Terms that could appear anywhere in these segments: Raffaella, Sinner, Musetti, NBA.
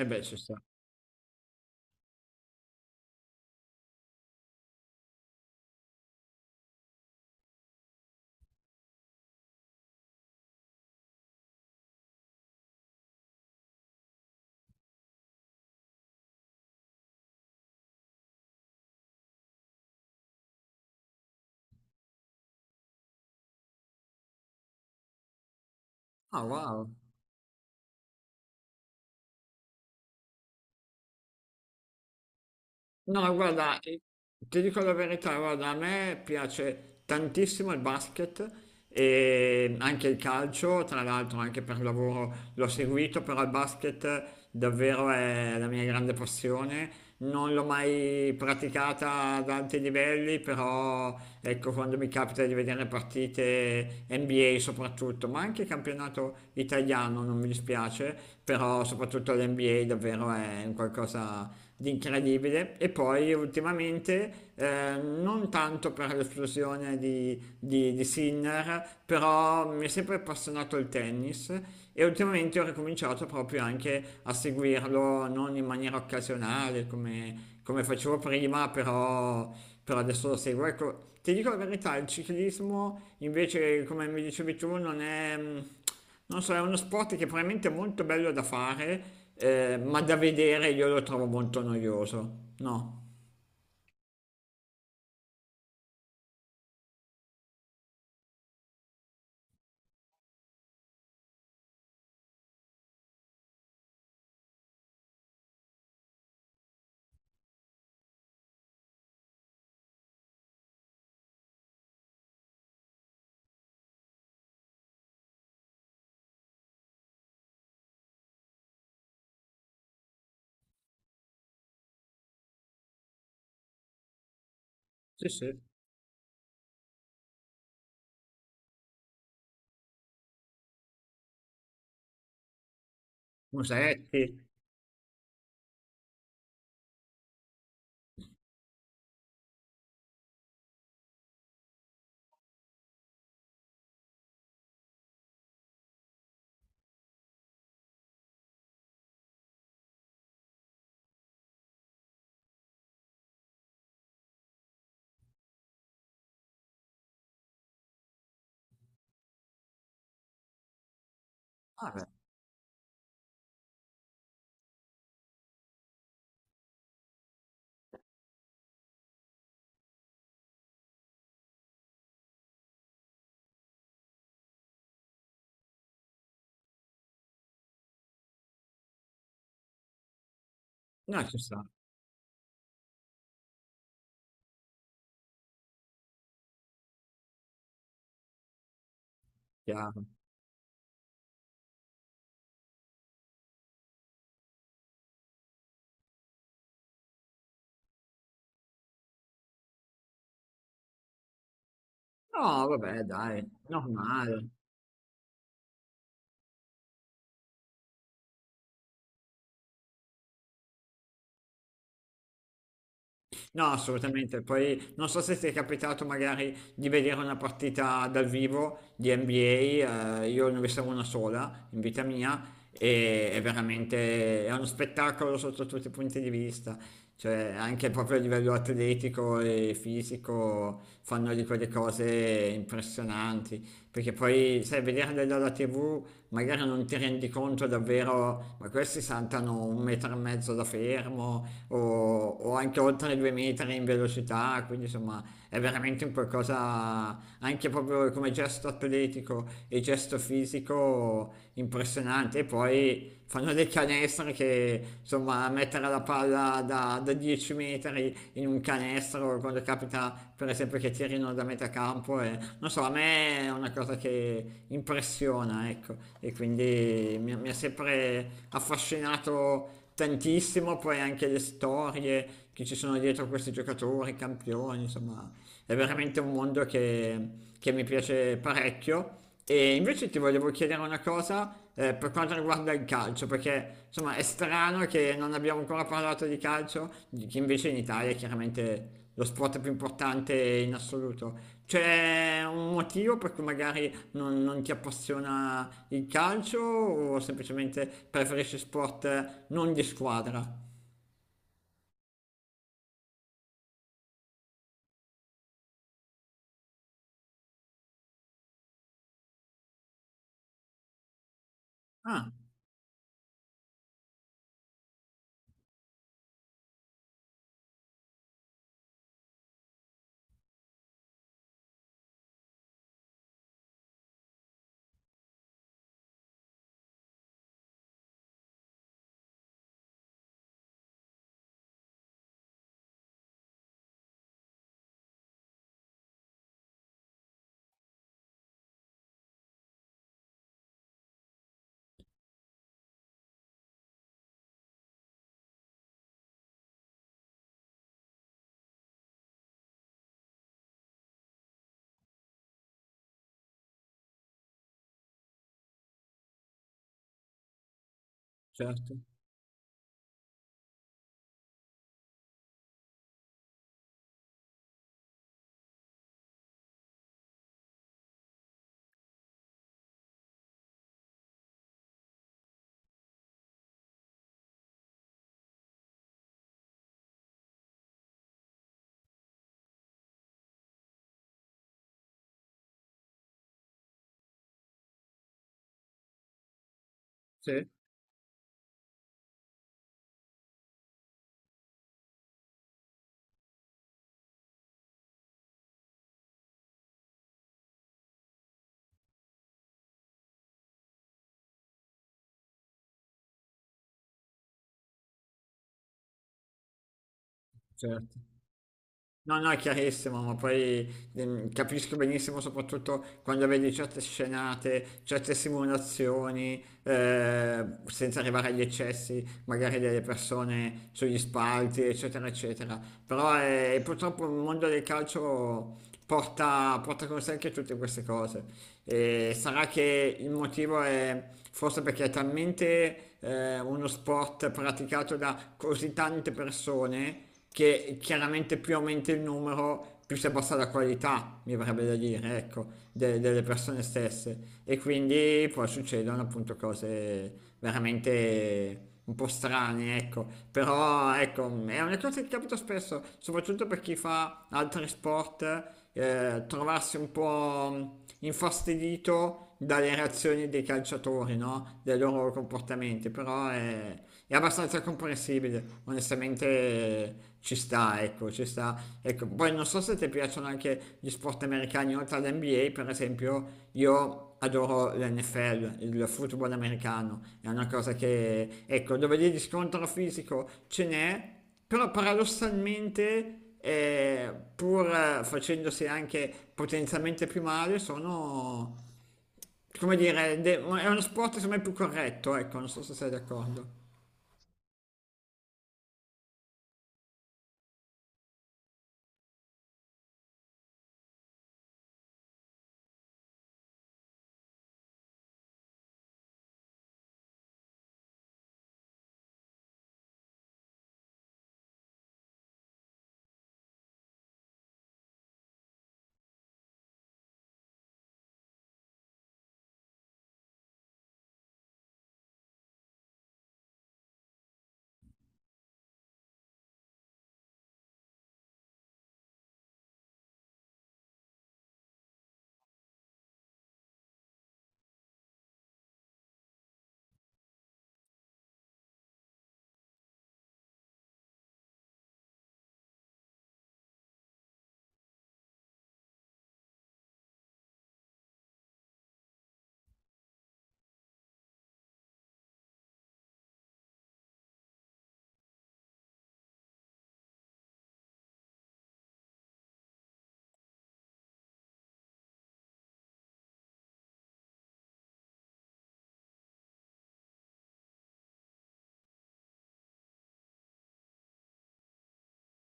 E beh, ci sta. Ah, wow. No, guarda, ti dico la verità, guarda, a me piace tantissimo il basket e anche il calcio, tra l'altro anche per lavoro l'ho seguito, però il basket davvero è la mia grande passione. Non l'ho mai praticata ad alti livelli, però ecco, quando mi capita di vedere partite NBA soprattutto, ma anche campionato italiano non mi dispiace, però soprattutto l'NBA davvero è un qualcosa di incredibile. E poi ultimamente non tanto per l'esplosione di Sinner, però mi è sempre appassionato il tennis e ultimamente ho ricominciato proprio anche a seguirlo, non in maniera occasionale come facevo prima, però adesso lo seguo. Ecco, ti dico la verità, il ciclismo invece, come mi dicevi tu, Non so, è uno sport che probabilmente è molto bello da fare, ma da vedere io lo trovo molto noioso. No. Sì, sì. Musetti. Vabbè, no, ci sta. Chiaro. No, vabbè dai, normale. No, assolutamente. Poi non so se ti è capitato magari di vedere una partita dal vivo di NBA, io ne ho vista una sola in vita mia, e è veramente è uno spettacolo sotto tutti i punti di vista, cioè anche proprio a livello atletico e fisico fanno di quelle cose impressionanti, perché poi sai, vederle dalla TV magari non ti rendi conto davvero, ma questi saltano 1,5 metri da fermo, o anche oltre i 2 metri in velocità, quindi insomma è veramente un qualcosa anche proprio come gesto atletico e gesto fisico impressionante. E poi fanno dei canestre che insomma mettere la palla da 10 metri in un canestro quando capita per esempio che tirino da metà campo, e non so, a me è una cosa che impressiona, ecco, e quindi mi ha sempre affascinato tantissimo, poi anche le storie che ci sono dietro questi giocatori, campioni, insomma, è veramente un mondo che mi piace parecchio. E invece ti volevo chiedere una cosa per quanto riguarda il calcio, perché insomma è strano che non abbiamo ancora parlato di calcio, che invece in Italia è chiaramente lo sport più importante in assoluto. C'è un motivo per cui magari non ti appassiona il calcio o semplicemente preferisci sport non di squadra? Ah, certo, sì, certo. No, no, è chiarissimo, ma poi capisco benissimo soprattutto quando vedi certe scenate, certe simulazioni, senza arrivare agli eccessi, magari delle persone sugli spalti, eccetera, eccetera. Però purtroppo il mondo del calcio porta con sé anche tutte queste cose. E sarà che il motivo è forse perché è talmente uno sport praticato da così tante persone che chiaramente più aumenta il numero, più si abbassa la qualità, mi verrebbe da dire, ecco, delle persone stesse. E quindi poi succedono appunto cose veramente un po' strane, ecco. Però ecco, è una cosa che capita spesso, soprattutto per chi fa altri sport, trovarsi un po' infastidito dalle reazioni dei calciatori, no? Dai loro comportamenti, però è abbastanza comprensibile, onestamente ci sta. Ecco, poi non so se ti piacciono anche gli sport americani oltre all'NBA, per esempio, io adoro l'NFL, il football americano, è una cosa che, ecco, dove lì di scontro fisico ce n'è, però paradossalmente pur facendosi anche potenzialmente più male, sono, come dire, è uno sport secondo me più corretto, ecco, non so se sei d'accordo.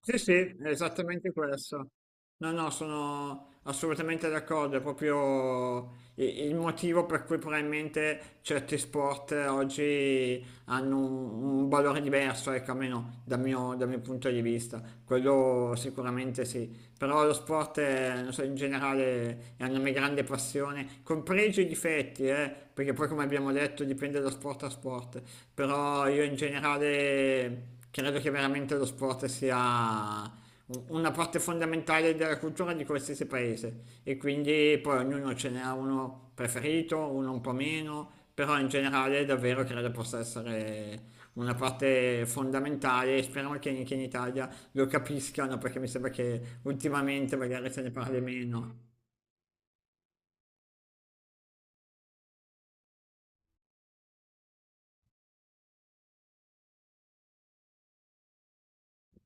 Sì, sì, è esattamente questo. No, no, sono assolutamente d'accordo, è proprio il motivo per cui probabilmente certi sport oggi hanno un valore diverso, ecco, almeno dal mio, punto di vista. Quello sicuramente sì, però lo sport, è, non so, in generale è una mia grande passione, con pregi e difetti, perché poi come abbiamo detto dipende da sport a sport, però io in generale credo che veramente lo sport sia una parte fondamentale della cultura di qualsiasi paese e quindi poi ognuno ce n'ha uno preferito, uno un po' meno, però in generale davvero credo possa essere una parte fondamentale e speriamo che anche in Italia lo capiscano perché mi sembra che ultimamente magari se ne parli meno.